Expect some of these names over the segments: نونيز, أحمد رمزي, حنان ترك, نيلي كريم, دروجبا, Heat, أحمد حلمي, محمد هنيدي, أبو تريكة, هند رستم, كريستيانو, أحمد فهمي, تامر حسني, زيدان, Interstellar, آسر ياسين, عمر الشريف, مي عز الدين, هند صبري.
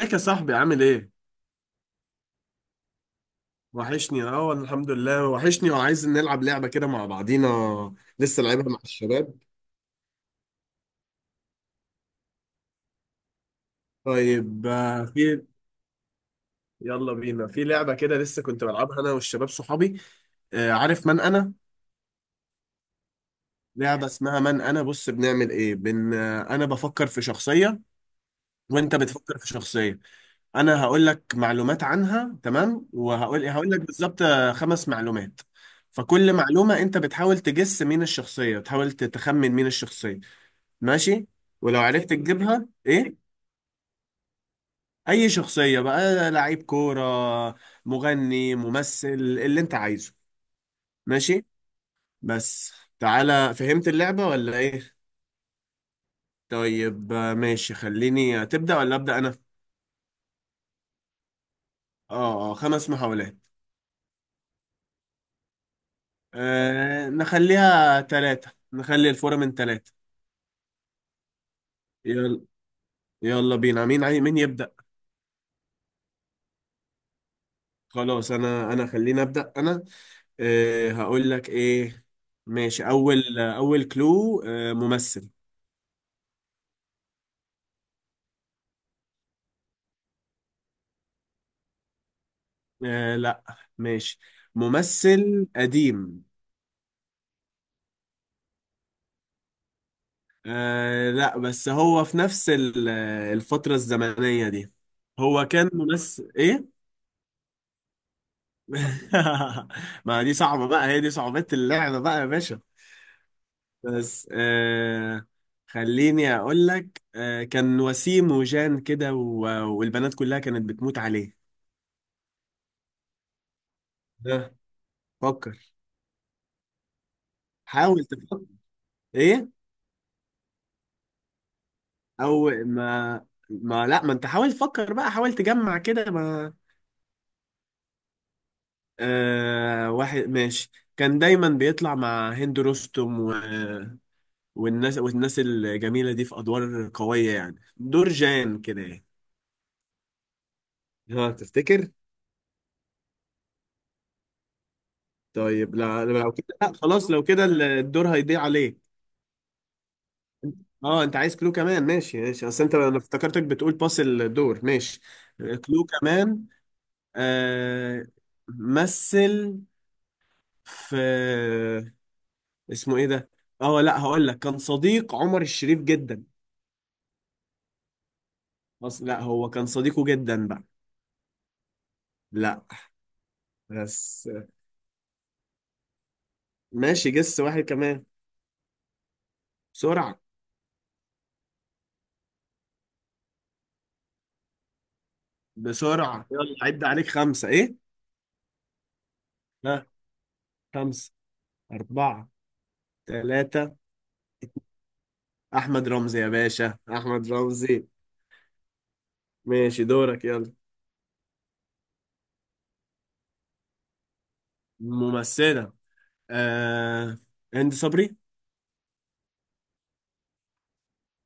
ازيك يا صاحبي، عامل ايه؟ وحشني، اه والله، الحمد لله وحشني، وعايز نلعب لعبة كده مع بعضينا. لسه لعبها مع الشباب. طيب آه، في يلا بينا في لعبة كده لسه كنت بلعبها انا والشباب صحابي. عارف من انا؟ لعبة اسمها من انا. بص بنعمل ايه؟ بن آه، انا بفكر في شخصية، وانت بتفكر في شخصية. انا هقول لك معلومات عنها، تمام؟ وهقول لك بالظبط خمس معلومات. فكل معلومة انت بتحاول تجس مين الشخصية، تحاول تخمن مين الشخصية. ماشي؟ ولو عرفت تجيبها ايه، اي شخصية بقى، لعيب كورة، مغني، ممثل، اللي انت عايزه. ماشي؟ بس تعالى، فهمت اللعبة ولا ايه؟ طيب ماشي، خليني تبدأ ولا أبدأ انا؟ اه اه، خمس محاولات. آه نخليها ثلاثة، نخلي الفورة من ثلاثة. يلا، يلا بينا، مين يبدأ؟ خلاص انا، خليني أبدأ انا. آه هقول لك ايه، ماشي. اول كلو، ممثل. آه لا، ماشي، ممثل قديم. آه لا، بس هو في نفس الفترة الزمنية دي. هو كان ممثل ايه؟ ما دي صعبة بقى، هي دي صعوبة اللعبة بقى يا باشا. بس خليني اقول لك، كان وسيم، وجان كده، والبنات كلها كانت بتموت عليه. ده، فكر، حاول تفكر. ايه؟ او ما ما لا ما انت حاول تفكر بقى، حاول تجمع كده. ما آه، واحد، ماشي. كان دايما بيطلع مع هند رستم، والناس، الجميلة دي، في أدوار قوية يعني، دور جان كده يعني. ها، تفتكر؟ طيب لا، لو كده لا، خلاص لو كده الدور هيضيع عليك. اه، انت عايز كلو كمان، ماشي ماشي، اصل انا افتكرتك بتقول باس الدور. ماشي، كلو كمان. آه، مثل، في اسمه ايه ده؟ اه لا، هقول لك كان صديق عمر الشريف جدا. أصل لا، هو كان صديقه جدا بقى. لا، بس. ماشي، جس واحد كمان، بسرعة بسرعة، يلا، عد عليك خمسة إيه؟ ها، خمسة، أربعة، ثلاثة، اتنين. أحمد رمزي يا باشا، أحمد رمزي. ماشي دورك، يلا. ممثلة، آه... هند صبري.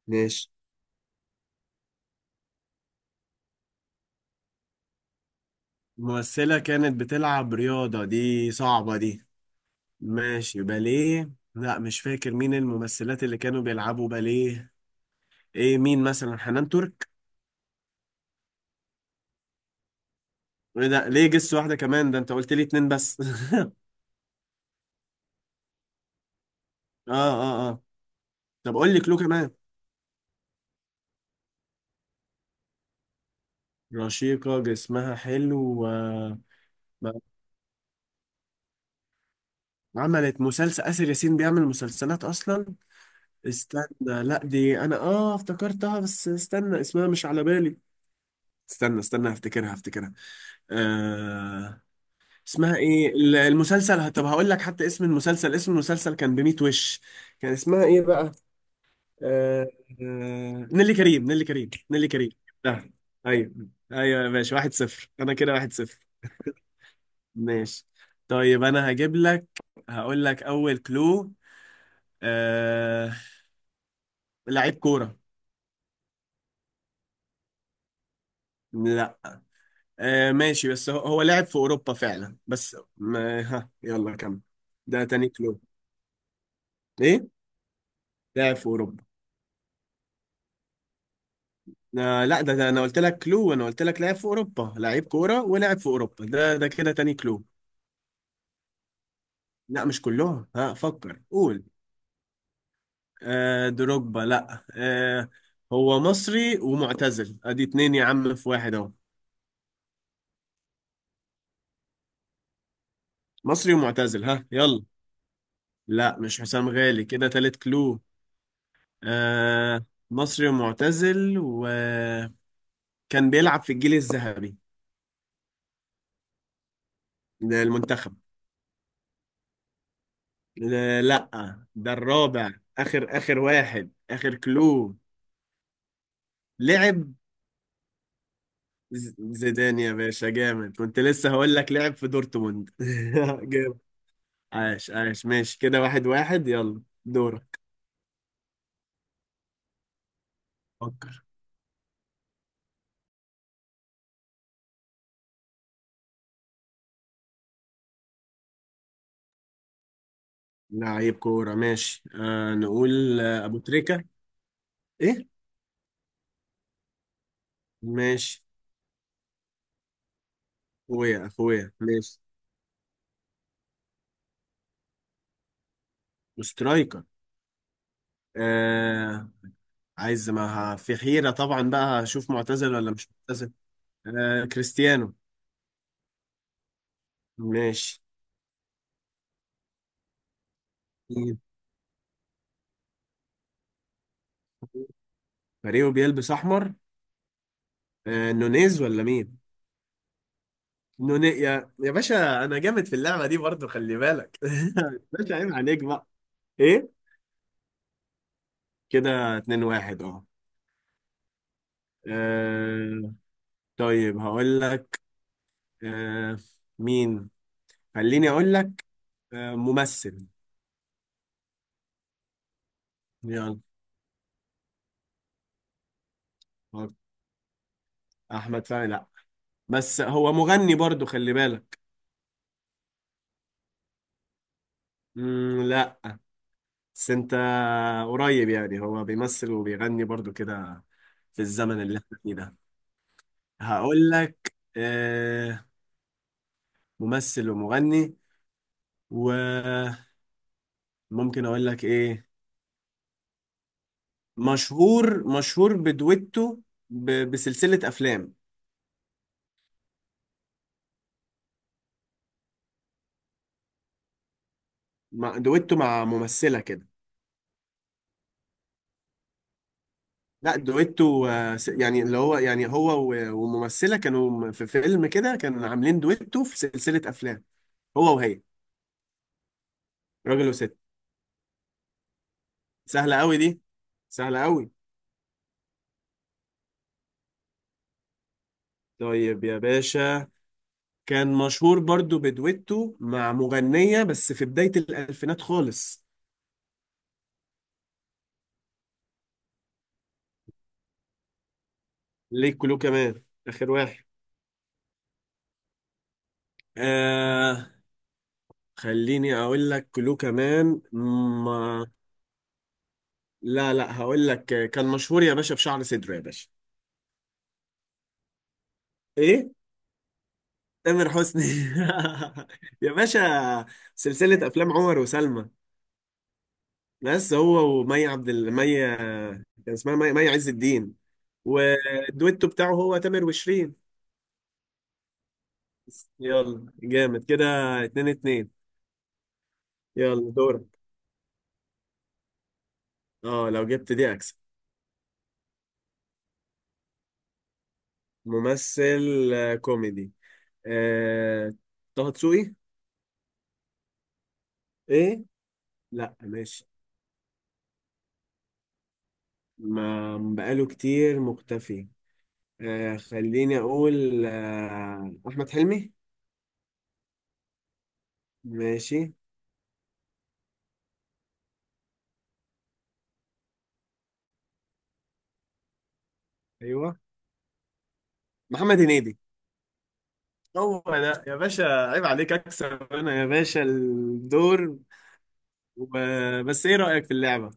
ماشي، ممثلة كانت بتلعب رياضة، دي صعبة دي. ماشي، باليه، لا مش فاكر مين الممثلات اللي كانوا بيلعبوا باليه. ايه، مين مثلا، حنان ترك؟ ايه ده، ليه جس واحدة كمان؟ ده انت قلت لي اتنين بس. اه اه اه، طب قول لي كلو كمان. رشيقة، جسمها حلو، و... ما- عملت مسلسل آسر ياسين، بيعمل مسلسلات أصلا. استنى، لا دي أنا افتكرتها، بس استنى اسمها مش على بالي. استنى، هفتكرها. آه، اسمها إيه المسلسل؟ طب هقول لك حتى اسم المسلسل، اسم المسلسل كان بميت وش. كان اسمها إيه بقى؟ آه، نيلي كريم، نيلي كريم، نيلي كريم. ده، ايوه ايوه، ماشي، واحد صفر انا كده، واحد صفر. ماشي، طيب انا هجيب لك، هقول لك اول كلو. آه... لعيب كورة. لا ماشي، بس هو لعب في اوروبا فعلا، بس ما... ها يلا كمل. ده تاني كلو، ايه، لاعب في اوروبا. آه لا، ده انا قلت لك كلو، وانا قلت لك لاعب في اوروبا، لعيب كورة ولاعب في اوروبا، ده كده تاني كلو. لا مش كلهم، ها فكر، قول. آه دروجبا، لا آه، هو مصري ومعتزل، ادي اتنين يا عم، في واحد اهو، مصري ومعتزل، ها يلا. لا مش حسام غالي، كده تالت كلو. آه، مصري ومعتزل، وكان بيلعب في الجيل الذهبي للمنتخب. آه لا، ده الرابع، اخر واحد، اخر كلو. لعب، زيدان يا باشا، جامد، كنت لسه هقول لك لعب في دورتموند. جامد، عاش عاش، ماشي كده، واحد واحد، يلا دورك. فكر. لعيب كورة، ماشي نقول أبو تريكة. إيه؟ ماشي، أخويا أخويا، ماشي، وسترايكر. آه عايز ما في حيرة طبعا بقى، هشوف معتزل ولا مش معتزل. آه كريستيانو، ماشي. مين؟ فريقه بيلبس أحمر. آه نونيز ولا مين؟ نوني، يا باشا، أنا جامد في اللعبة دي برضو، خلي بالك. باشا، عيب عليك بقى. إيه، كده 2-1، أه. آه، طيب هقول لك آه مين، خليني اقول لك. ممثل، يلا. غلط. احمد فهمي لا، بس هو مغني برضو، خلي بالك. مم لا، بس انت قريب يعني، هو بيمثل وبيغني برضو كده، في الزمن اللي احنا فيه ده. هقول لك، ممثل ومغني، وممكن اقول لك ايه، مشهور، بدويتو بسلسلة افلام. دويتو مع ممثلة كده. لا دويتو يعني اللي هو، يعني هو وممثلة في فيلم كده كانوا عاملين دويتو في سلسلة أفلام، هو وهي، راجل وست. سهلة قوي دي، سهلة قوي. طيب يا باشا، كان مشهور برضو بدويتو مع مغنية، بس في بداية الألفينات خالص. ليه، كلو كمان، آخر واحد. آه خليني أقول لك كلو كمان ما. لا لا، هقول لك كان مشهور يا باشا بشعر صدره يا باشا. ايه؟ تامر حسني. يا باشا، سلسلة أفلام عمر وسلمى، بس هو ومي عبد مي، كان اسمها مي، عز الدين. والدويتو بتاعه هو تامر وشيرين. يلا جامد كده، اتنين اتنين، يلا دورك. اه لو جبت دي أكسب. ممثل كوميدي. آه، طه دسوقي. ايه؟ لا ماشي، ما بقاله كتير مختفي. خليني أقول أحمد حلمي. ماشي. ايوه محمد هنيدي. هو ده يا باشا، عيب عليك، اكسب انا يا باشا الدور. وب... بس ايه رأيك في اللعبة؟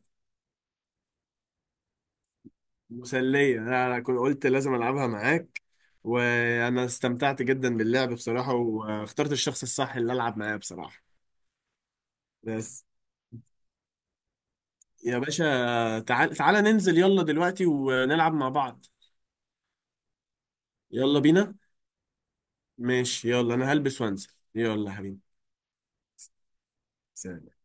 مسلية، انا كنت قلت لازم العبها معاك، وانا استمتعت جدا باللعب بصراحة، واخترت الشخص الصح اللي العب معاه بصراحة. بس يا باشا، تعال تعال ننزل يلا دلوقتي ونلعب مع بعض. يلا بينا. ماشي يلا، انا هلبس وانزل، يلا يا حبيبي. سلام.